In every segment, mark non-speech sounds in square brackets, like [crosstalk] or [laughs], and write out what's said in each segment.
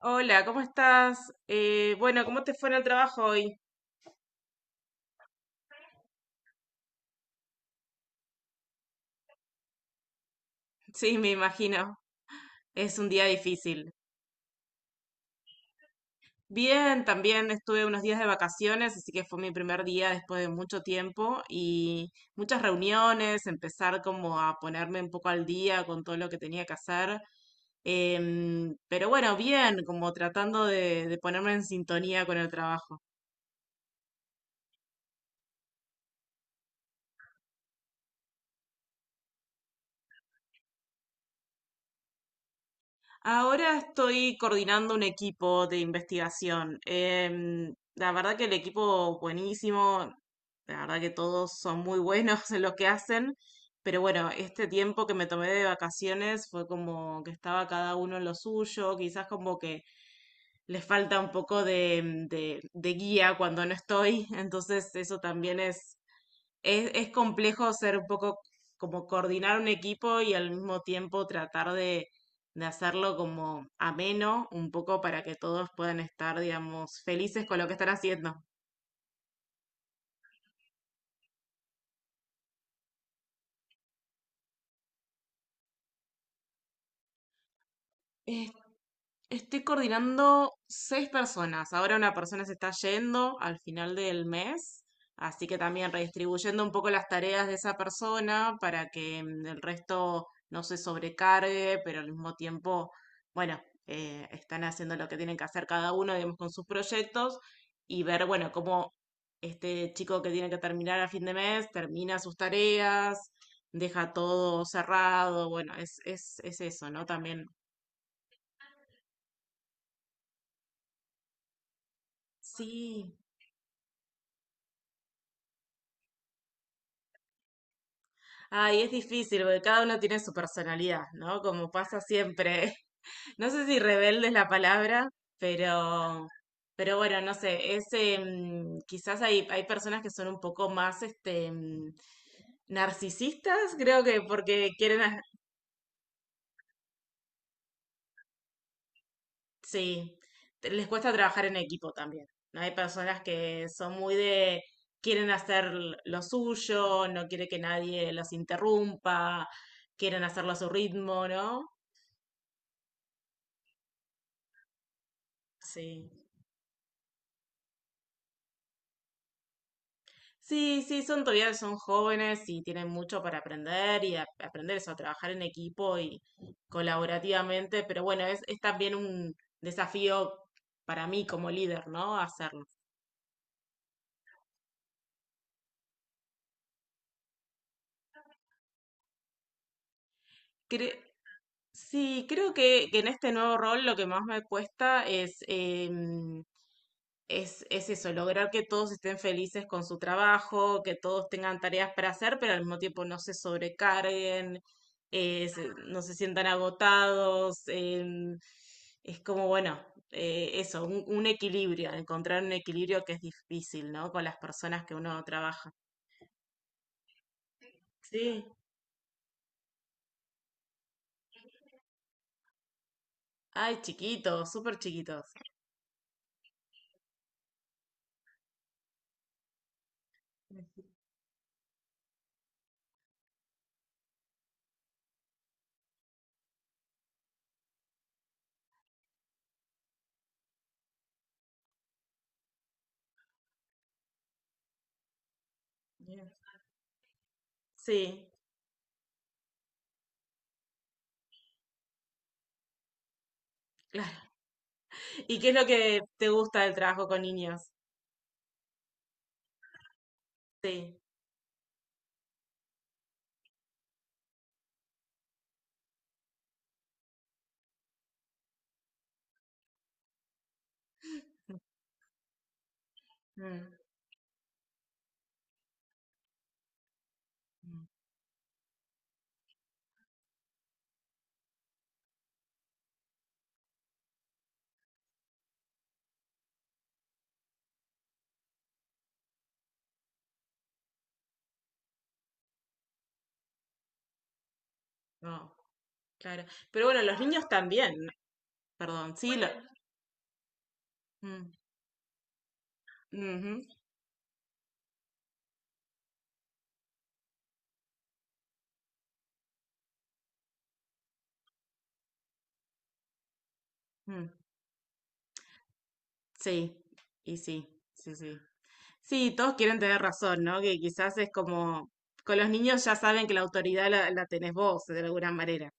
Hola, ¿cómo estás? Bueno, ¿cómo te fue en el trabajo hoy? [laughs] Sí, me imagino. Es un día difícil. Bien, también estuve unos días de vacaciones, así que fue mi primer día después de mucho tiempo y muchas reuniones, empezar como a ponerme un poco al día con todo lo que tenía que hacer. Pero bueno, bien, como tratando de ponerme en sintonía con el trabajo. Ahora estoy coordinando un equipo de investigación. La verdad que el equipo buenísimo, la verdad que todos son muy buenos [laughs] en lo que hacen, pero bueno, este tiempo que me tomé de vacaciones fue como que estaba cada uno en lo suyo, quizás como que les falta un poco de guía cuando no estoy, [laughs] entonces eso también es complejo ser un poco como coordinar un equipo y al mismo tiempo tratar de hacerlo como ameno, un poco para que todos puedan estar, digamos, felices con lo que están haciendo. Estoy coordinando seis personas. Ahora una persona se está yendo al final del mes, así que también redistribuyendo un poco las tareas de esa persona para que el resto no se sobrecargue, pero al mismo tiempo, bueno, están haciendo lo que tienen que hacer cada uno, digamos, con sus proyectos y ver, bueno, cómo este chico que tiene que terminar a fin de mes termina sus tareas, deja todo cerrado. Bueno, es eso, ¿no? También. Sí. Ay, es difícil porque cada uno tiene su personalidad, ¿no? Como pasa siempre. [laughs] No sé si rebelde es la palabra, pero, pero bueno, no sé. Es quizás hay personas que son un poco más este, narcisistas, creo que porque quieren, sí, les cuesta trabajar en equipo también, ¿no? Hay personas que son muy de, quieren hacer lo suyo, no quiere que nadie los interrumpa, quieren hacerlo a su ritmo, ¿no? Sí. Sí, sí, son todavía son jóvenes y tienen mucho para aprender y aprender eso, a trabajar en equipo y colaborativamente, pero bueno, es también un desafío para mí como líder, ¿no? Hacerlo. Cre- sí, creo que en este nuevo rol lo que más me cuesta es es eso, lograr que todos estén felices con su trabajo, que todos tengan tareas para hacer, pero al mismo tiempo no se sobrecarguen, no se sientan agotados. Es como, bueno, eso, un equilibrio, encontrar un equilibrio que es difícil, ¿no? Con las personas que uno trabaja. Sí, ay, chiquitos, súper chiquitos. Bien. Sí, [laughs] claro. ¿Y qué es lo que te gusta del trabajo con niños? Sí. Mm. No, claro. Pero bueno, los niños también, perdón, sí, bueno, mm, ujú, mm, sí, y sí, sí, sí. Sí, todos quieren tener razón, ¿no? Que quizás es como, con los niños ya saben que la autoridad la tenés vos, de alguna manera.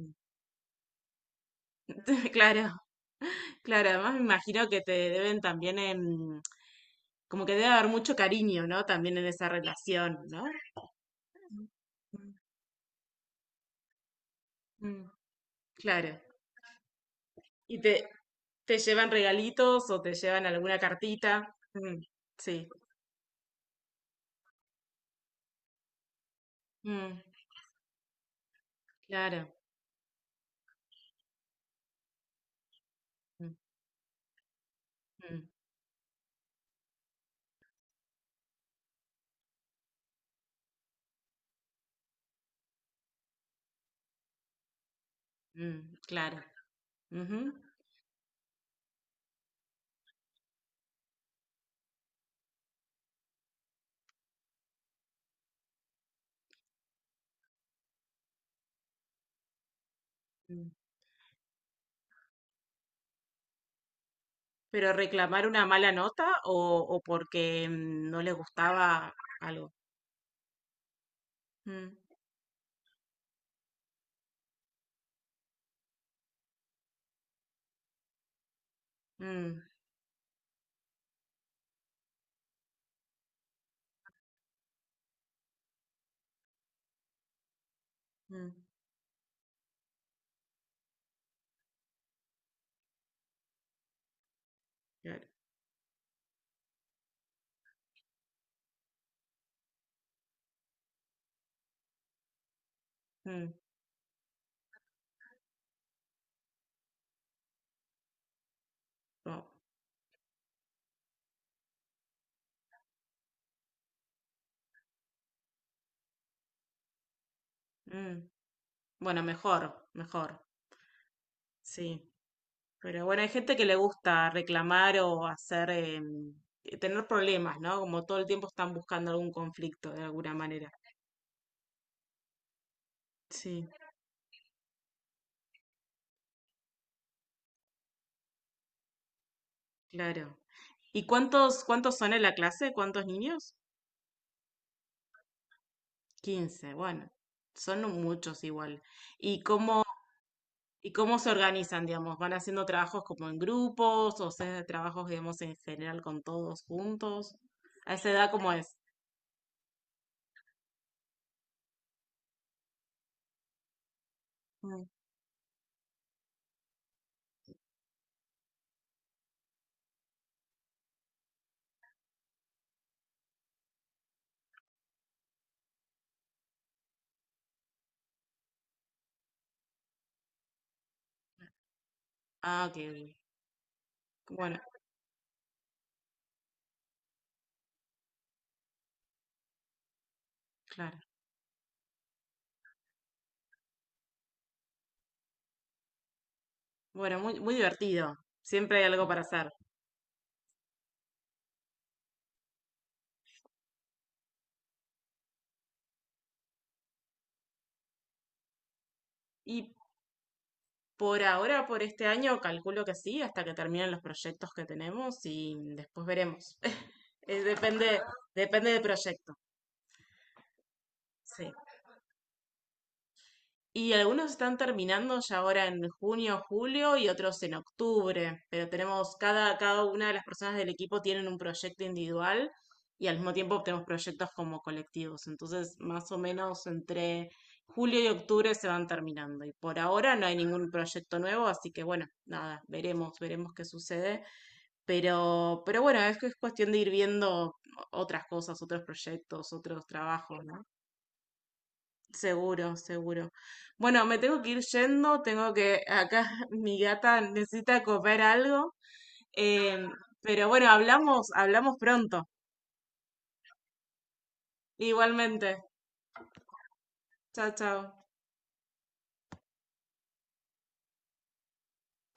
Mm. [laughs] Claro, claro, además me imagino que te deben también, como que debe haber mucho cariño, ¿no? También en esa relación, ¿no? Mm, mm. Claro. ¿Y te llevan regalitos o te llevan alguna cartita? Mm, sí. Mm, claro. Mm, mm, mm, claro. Ujú, mm. Pero reclamar una mala nota o porque no les gustaba algo. Mm, mm, mm, claro, mm, no, mm. Bueno, mejor, mejor, sí. Pero bueno, hay gente que le gusta reclamar o hacer, tener problemas, ¿no? Como todo el tiempo están buscando algún conflicto de alguna manera. Sí, claro. ¿Y cuántos son en la clase? ¿Cuántos niños? 15 bueno, son muchos igual. ¿Y y cómo se organizan, digamos? ¿Van haciendo trabajos como en grupos o se hace trabajos, digamos, en general con todos juntos? ¿A esa edad cómo es? Mm. Ah, ok. Ok. Bueno, claro. Bueno, muy, muy divertido. Siempre hay algo para hacer. Y por ahora, por este año, calculo que sí, hasta que terminen los proyectos que tenemos y después veremos. [laughs] Depende, depende del proyecto. Sí. Y algunos están terminando ya ahora en junio, julio y otros en octubre, pero tenemos cada, cada una de las personas del equipo tienen un proyecto individual y al mismo tiempo tenemos proyectos como colectivos. Entonces, más o menos entre julio y octubre se van terminando. Y por ahora no hay ningún proyecto nuevo, así que bueno, nada, veremos, veremos qué sucede. Pero bueno, es que es cuestión de ir viendo otras cosas, otros proyectos, otros trabajos, ¿no? Seguro, seguro. Bueno, me tengo que ir yendo, tengo que, acá [laughs] mi gata necesita comer algo, em, pero bueno, hablamos, hablamos pronto. Igualmente. Chao, chao.